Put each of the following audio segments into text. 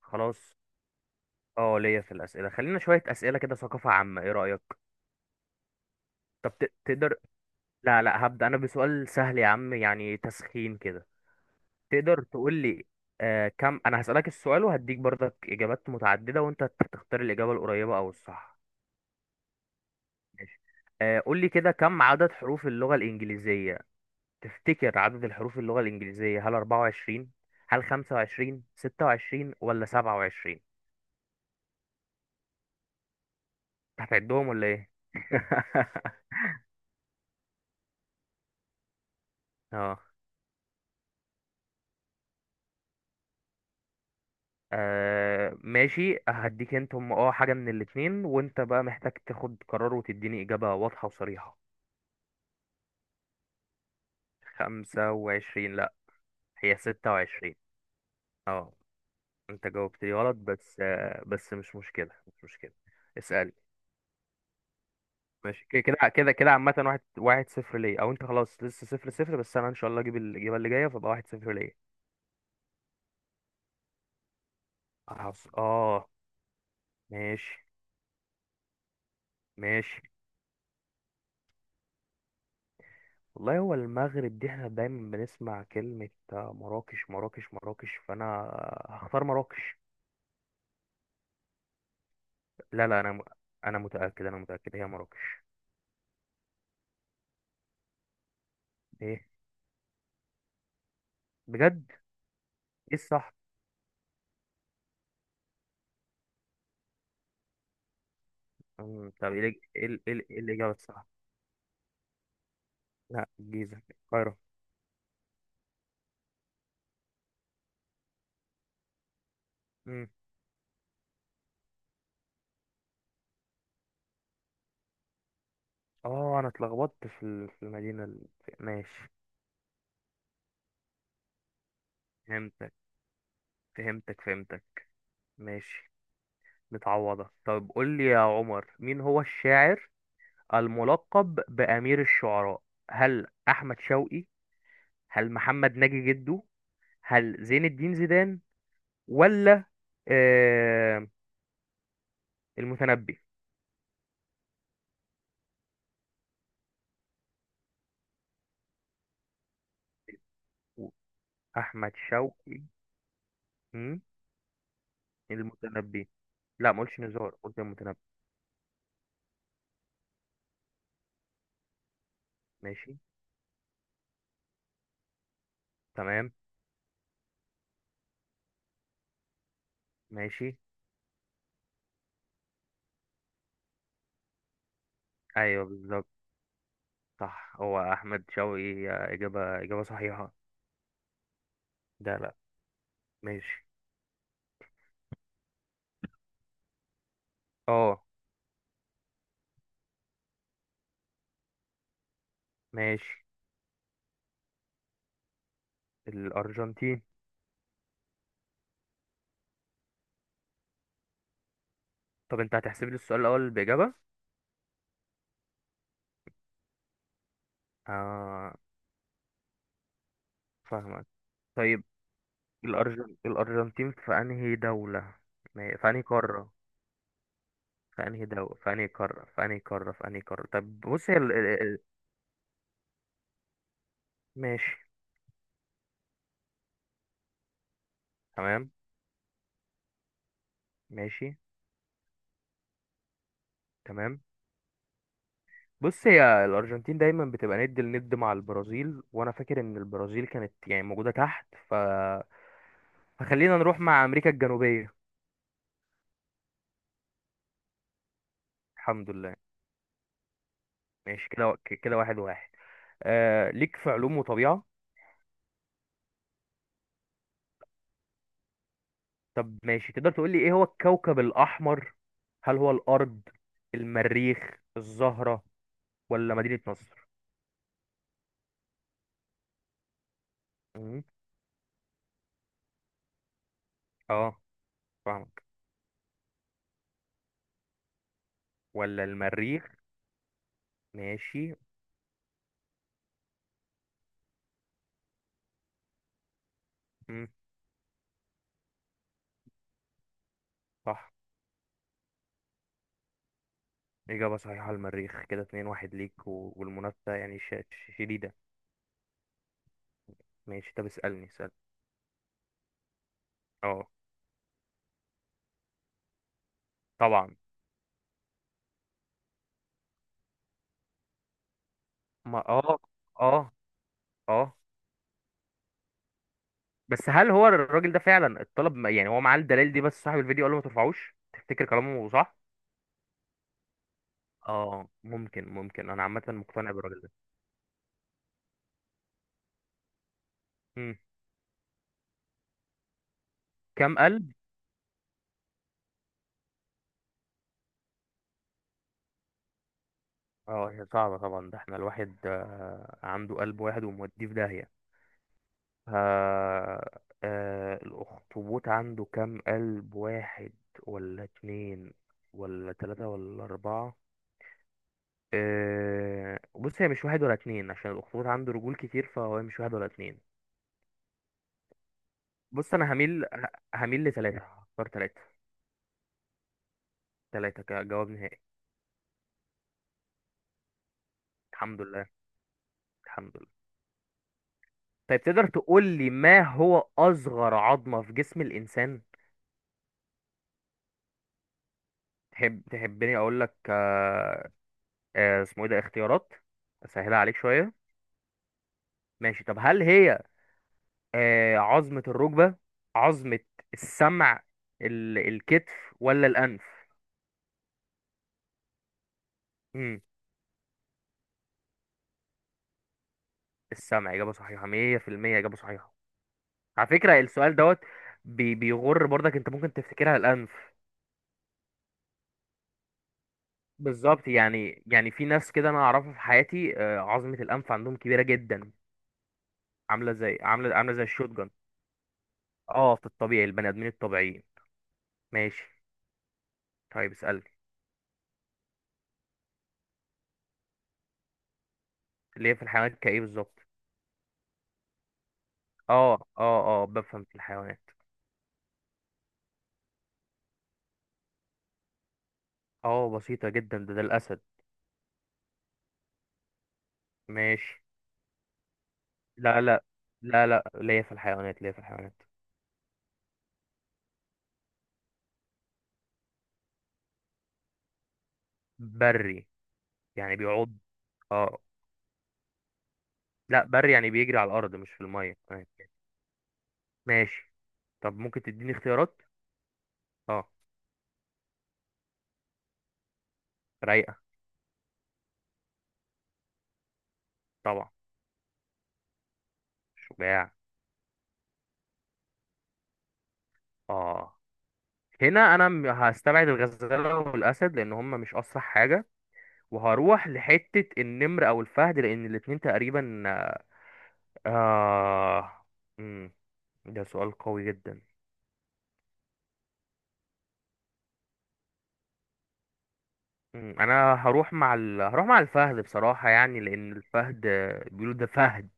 خلاص. اه ليا في الأسئلة، خلينا شوية أسئلة كده ثقافة عامة، ايه رأيك؟ طب تقدر، لا لا، هبدأ أنا بسؤال سهل يا عم، يعني تسخين كده. تقدر تقول لي كم. أنا هسألك السؤال وهديك برضك إجابات متعددة وأنت تختار الإجابة القريبة أو الصح. ماشي. قول لي كده، كم عدد حروف اللغة الإنجليزية؟ تفتكر عدد الحروف اللغة الإنجليزية هل 24، هل 25، 26، ولا 27؟ هتعدهم ولا إيه؟ اه. ماشي، هديك انت هم حاجة من الاتنين، وانت بقى محتاج تاخد قرار وتديني إجابة واضحة وصريحة. خمسة وعشرين؟ لأ، هي ستة وعشرين. اه، انت جاوبت لي غلط بس بس مش مشكلة، مش مشكلة. اسألني. ماشي كده كده كده كده، عامة واحد واحد صفر ليا او انت خلاص، لسه صفر صفر، بس انا ان شاء الله اجيب الإجابة اللي جاية فبقى واحد صفر ليا. حصل. اه. ماشي، ماشي. والله هو المغرب دي احنا دايما بنسمع كلمة مراكش، مراكش، مراكش، فأنا هختار مراكش. لا لا، أنا متأكد، أنا متأكد هي مراكش. إيه؟ بجد؟ إيه الصح؟ طب إيه الإجابة الصح؟ لا، الجيزة، القاهرة. أمم. أنا اتلخبطت في المدينة ماشي. فهمتك، فهمتك، فهمتك. ماشي، متعوضة. طب قول لي يا عمر، مين هو الشاعر الملقب بأمير الشعراء؟ هل أحمد شوقي، هل محمد ناجي جده، هل زين الدين زيدان، ولا آه المتنبي؟ احمد شوقي. مم، المتنبي. لا، ما قلتش نزار، قلت المتنبي. ماشي. تمام. ماشي. ايوه، بالظبط، صح، هو احمد شوقي. اجابه، صحيحه. ده لا. ماشي. اه، ماشي. الارجنتين. طب انت هتحسب لي السؤال الاول باجابه؟ اه. فاهمك. طيب، الأرجنتين في أنهي دولة؟ ما هي- في أنهي قارة؟ في انهي قارة. طب بص، هي ماشي. تمام. ماشي. تمام. بص، هي الأرجنتين دايما بتبقى ند لند مع البرازيل، وأنا فاكر إن البرازيل كانت يعني موجودة تحت، فخلينا نروح مع أمريكا الجنوبية. الحمد لله. ماشي كده كده واحد واحد. ليك في علوم وطبيعة. طب، ماشي. تقدر تقول لي إيه هو الكوكب الأحمر؟ هل هو الأرض، المريخ، الزهرة، ولا مدينة نصر؟ مم. اه، فاهمك. ولا المريخ؟ ماشي. مم. صح، إجابة صحيحة، المريخ. كده اتنين واحد ليك، والمنافسة يعني شديدة. ماشي. طب اسألني، اسأل. اه، طبعا. ما، اه، اه، اه، بس هل هو الراجل ده فعلا اتطلب؟ يعني هو معاه الدلائل دي بس صاحب الفيديو قال له ما ترفعوش، تفتكر كلامه صح؟ اه، ممكن، ممكن، انا عامة مقتنع بالراجل ده. مم. كام قلب؟ اه، هي صعبة طبعا. ده احنا الواحد عنده قلب واحد وموديه في داهية. ها. الأخطبوط عنده كام قلب، واحد، ولا اتنين، ولا تلاتة، ولا أربعة؟ بص، هي مش واحد ولا اتنين عشان الأخطبوط عنده رجول كتير، فهو مش واحد ولا اتنين. بص أنا هميل، هميل لتلاتة، هختار تلاتة. تلاتة كجواب نهائي. الحمد لله. الحمد لله. طيب، تقدر تقول لي ما هو أصغر عظمة في جسم الإنسان؟ تحبني أقول لك اسمه إيه ده؟ اختيارات أسهلها عليك شوية. ماشي. طب هل هي عظمة الركبة، عظمة السمع، الكتف، ولا الأنف؟ مم. السمع، إجابة صحيحة 100% إجابة صحيحة. على فكرة السؤال دوت بيغر برضك، أنت ممكن تفتكرها الأنف. بالظبط. يعني في ناس كده أنا أعرفها في حياتي عظمة الأنف عندهم كبيرة جدا. عاملة زي الشوتجن. اه، في الطبيعي البني آدمين الطبيعيين. ماشي. طيب، اسألني. اللي هي في الحيوانات كإيه بالظبط؟ اه، اه، اه، بفهم في الحيوانات. اه، بسيطة جدا. ده الأسد. ماشي. لا، لا، لا، لا، ليا في الحيوانات، ليا في الحيوانات. بري؟ يعني بيعض؟ اه. لا، بري يعني بيجري على الارض مش في الميه، تمام. ماشي. طب ممكن تديني اختيارات؟ اه. رايقه. طبعا. شجاع. اه، هنا انا هستبعد الغزاله والاسد لان هم مش اسرع حاجه. وهروح لحته النمر او الفهد لان الاتنين تقريبا آه، مم، ده سؤال قوي جدا. انا هروح مع الفهد بصراحة، يعني لان الفهد بيقولوا ده فهد،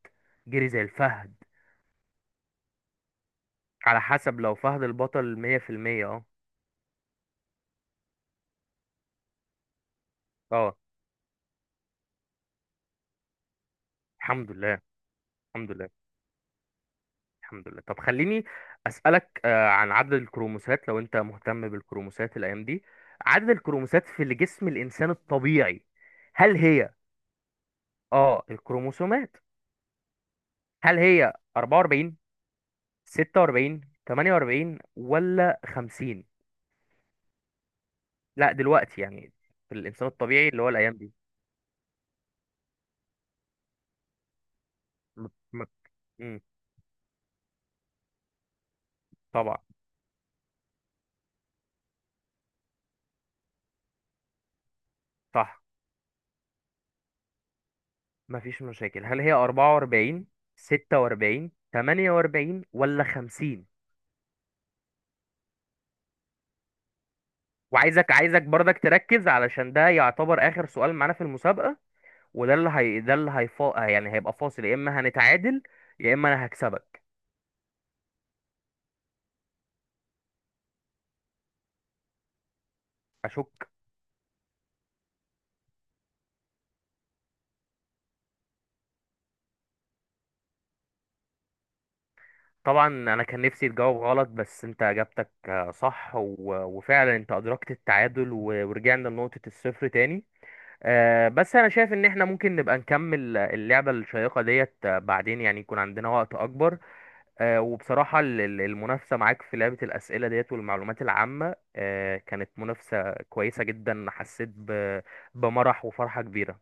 جري زي الفهد. على حسب. لو فهد البطل 100%. اه، اه. الحمد لله. الحمد لله. الحمد لله. طب خليني اسألك عن عدد الكروموسات، لو انت مهتم بالكروموسات الايام دي. عدد الكروموسات في اللي جسم الانسان الطبيعي. هل هي؟ اه، الكروموسومات. هل هي 44، 46، 48، ولا 50؟ لا، دلوقتي يعني، في الانسان الطبيعي اللي هو الايام دي. م... م... مم. طبعا. صح. مفيش مشاكل. هل هي 44، 46، 48، ولا 50؟ وعايزك برضك تركز علشان ده يعتبر اخر سؤال معانا في المسابقة. وده اللي هي ده اللي يعني هيبقى فاصل، يا اما هنتعادل، يا اما انا هكسبك. اشك. طبعا، انا كان نفسي تجاوب غلط بس انت اجابتك صح، وفعلا انت ادركت التعادل، ورجعنا لنقطة الصفر تاني. بس انا شايف ان احنا ممكن نبقى نكمل اللعبة الشيقة ديت بعدين، يعني يكون عندنا وقت اكبر. وبصراحة المنافسة معاك في لعبة الاسئلة ديت والمعلومات العامة كانت منافسة كويسة جدا، حسيت بمرح وفرحة كبيرة.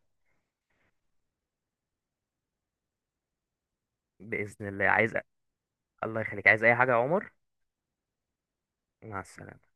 بإذن الله. عايز. الله يخليك. عايز اي حاجة يا عمر؟ مع السلامة.